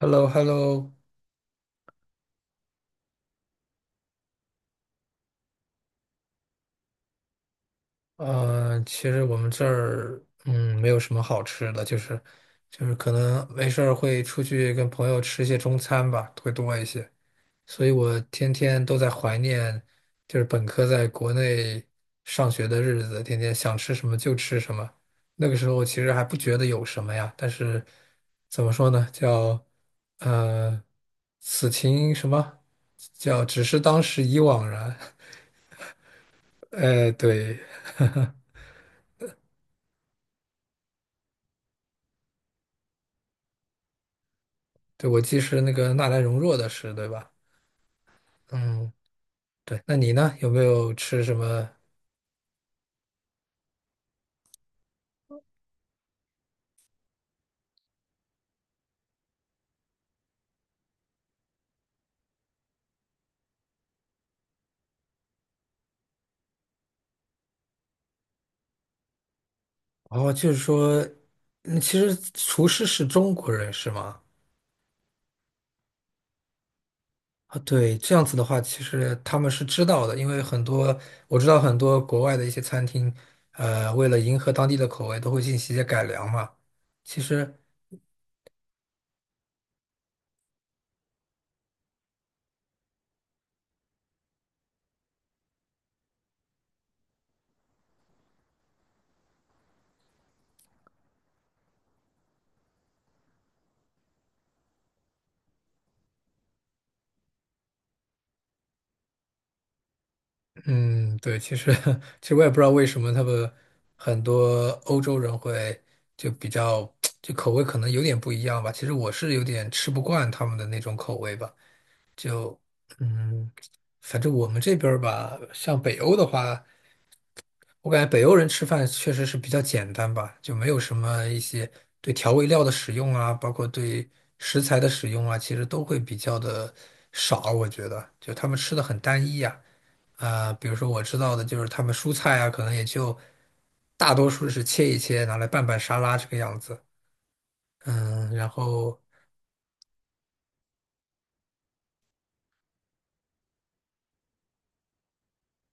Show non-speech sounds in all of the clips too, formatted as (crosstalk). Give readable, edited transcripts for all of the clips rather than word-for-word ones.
h e l l o h e l l o 其实我们这儿没有什么好吃的，就是可能没事儿会出去跟朋友吃一些中餐吧，会多一些。所以我天天都在怀念，就是本科在国内上学的日子，天天想吃什么就吃什么。那个时候其实还不觉得有什么呀，但是怎么说呢，叫呃此情什么叫只是当时已惘然，(laughs) 哎，对。(laughs) 对，我记是那个纳兰容若的诗，对吧？嗯，对。那你呢？有没有吃什么？哦，就是说，其实厨师是中国人是吗？啊，对，这样子的话，其实他们是知道的，因为我知道很多国外的一些餐厅，为了迎合当地的口味，都会进行一些改良嘛。其实嗯，对，其实 (laughs) 其实我也不知道为什么他们很多欧洲人会就比较 (tsk) 就口味可能有点不一样吧。其实我是有点吃不惯他们的那种口味吧。就嗯，反正我们这边儿吧，像北欧的话。我感觉北欧人吃饭确实是比较简单吧，就没有什么一些对调味料的使用啊，包括对食材的使用啊，其实都会比较的少。我觉得，就他们吃的很单一呀。啊，比如说我知道的就是他们蔬菜啊，可能也就大多数是切一切，拿来拌拌沙拉这个样子。嗯，然后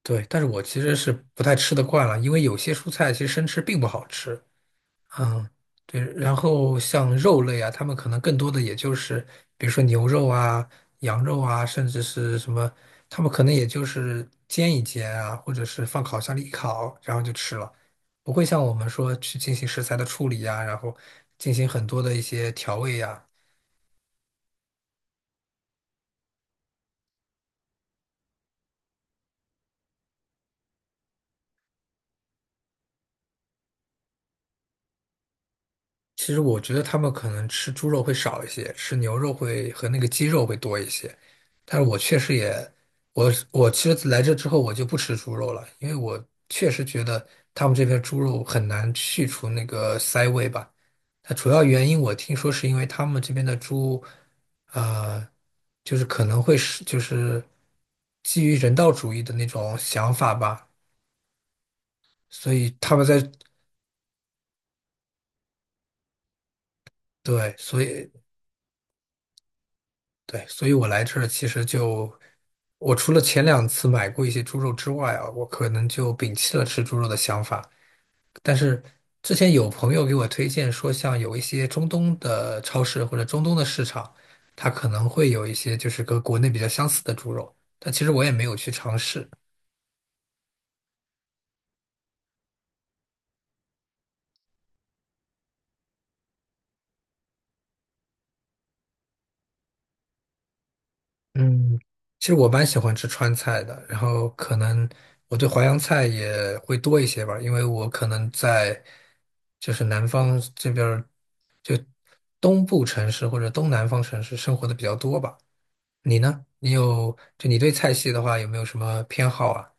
对，但是我其实是不太吃得惯了，因为有些蔬菜其实生吃并不好吃。嗯，对，然后像肉类啊，他们可能更多的也就是，比如说牛肉啊、羊肉啊，甚至是什么，他们可能也就是煎一煎啊，或者是放烤箱里一烤，然后就吃了，不会像我们说去进行食材的处理呀、然后进行很多的一些调味呀、其实我觉得他们可能吃猪肉会少一些，吃牛肉会和那个鸡肉会多一些。但是我确实也，我其实来这之后我就不吃猪肉了，因为我确实觉得他们这边猪肉很难去除那个膻味吧。它主要原因我听说是因为他们这边的猪，呃，就是可能会是就是基于人道主义的那种想法吧，所以他们在，对，所以对，所以我来这儿其实就，我除了前两次买过一些猪肉之外啊，我可能就摒弃了吃猪肉的想法。但是之前有朋友给我推荐说，像有一些中东的超市或者中东的市场，它可能会有一些就是跟国内比较相似的猪肉，但其实我也没有去尝试。嗯，其实我蛮喜欢吃川菜的，然后可能我对淮扬菜也会多一些吧，因为我可能在就是南方这边儿，就东部城市或者东南方城市生活的比较多吧。你呢？你有，就你对菜系的话，有没有什么偏好啊？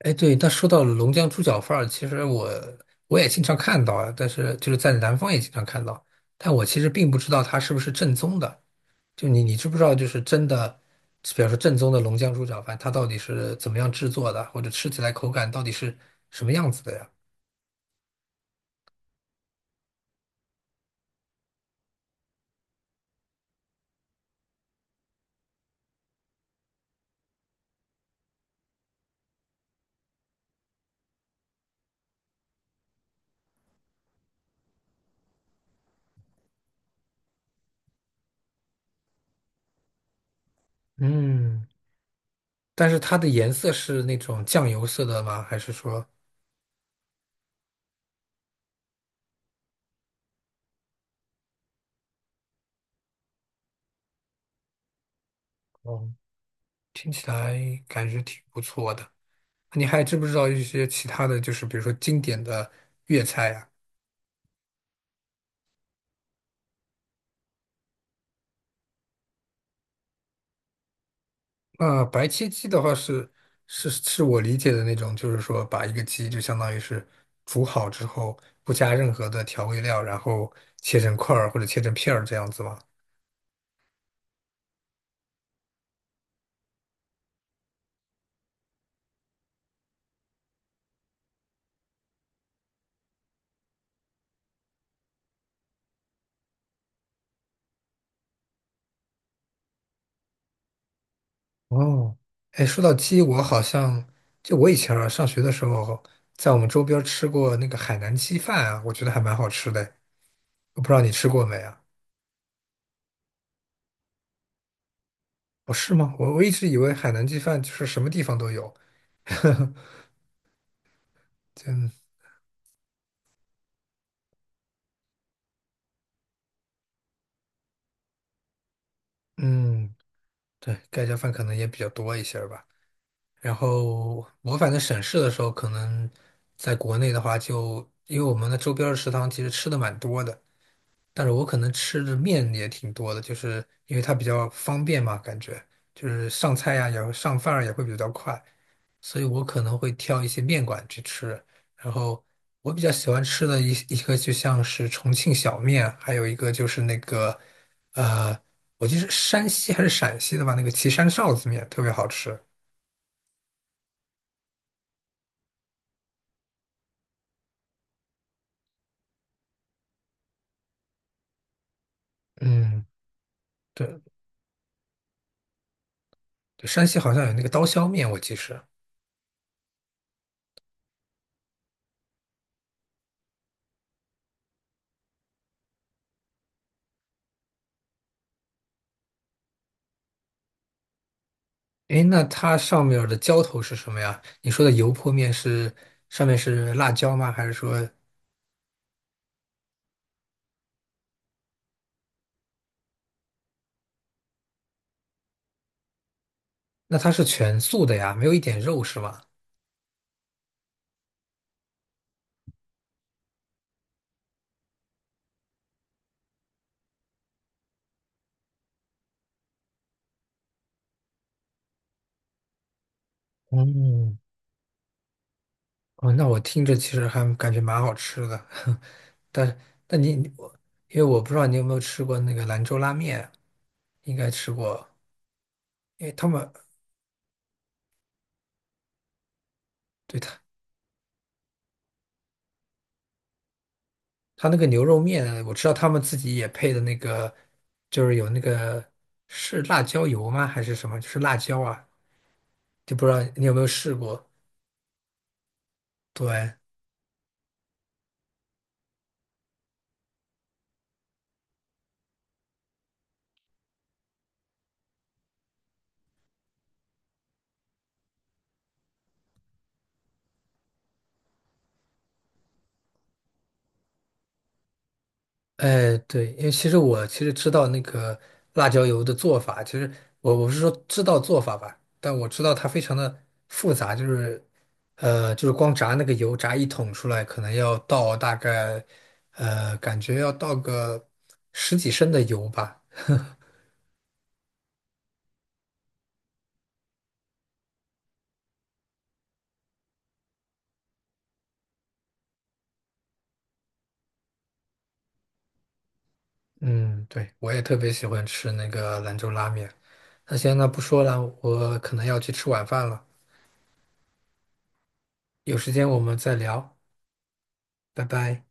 哎，对，那说到龙江猪脚饭儿，其实我也经常看到啊，但是就是在南方也经常看到，但我其实并不知道它是不是正宗的。就你知不知道，就是真的，比方说正宗的龙江猪脚饭，它到底是怎么样制作的，或者吃起来口感到底是什么样子的呀？嗯，但是它的颜色是那种酱油色的吗？还是说哦，听起来感觉挺不错的？你还知不知道一些其他的就是比如说经典的粤菜啊？啊、白切鸡的话是我理解的那种，就是说把一个鸡就相当于是煮好之后，不加任何的调味料，然后切成块儿或者切成片儿这样子吗？哦，哎，说到鸡，我好像就我以前啊上学的时候，在我们周边儿吃过那个海南鸡饭啊，我觉得还蛮好吃的。我不知道你吃过没啊？哦，是吗？我一直以为海南鸡饭就是什么地方都有，(laughs) 就嗯，对，盖浇饭可能也比较多一些儿吧。然后我反正省事的时候，可能在国内的话就，因为我们的周边儿的食堂其实吃的蛮多的，但是我可能吃的面也挺多的，就是因为它比较方便嘛，感觉就是上菜呀、也会上饭儿也会比较快，所以我可能会挑一些面馆去吃。然后我比较喜欢吃的一个就像是重庆小面，还有一个就是那个呃，我记得是山西还是陕西的吧，那个岐山臊子面特别好吃。嗯。对。对，山西好像有那个刀削面，我记是。诶，那它上面儿的浇头是什么呀？你说的油泼面是上面是辣椒吗？还是说那它是全素的呀？没有一点肉是吗？嗯，哦，那我听着其实还感觉蛮好吃的，但但你因为我不知道你有没有吃过那个兰州拉面，应该吃过，因为他们对他那个牛肉面，我知道他们自己也配的那个，就是有那个是辣椒油吗？还是什么？就是辣椒啊，就不知道你有没有试过？对，哎，对，因为其实我知道那个辣椒油的做法，其实我不是说知道做法吧，但我知道它非常的复杂，就是光炸那个油，炸一桶出来，可能要倒大概感觉要倒个十几升的油吧。嗯，对，我也特别喜欢吃那个兰州拉面。那行，那不说了，我可能要去吃晚饭了，有时间我们再聊，拜拜。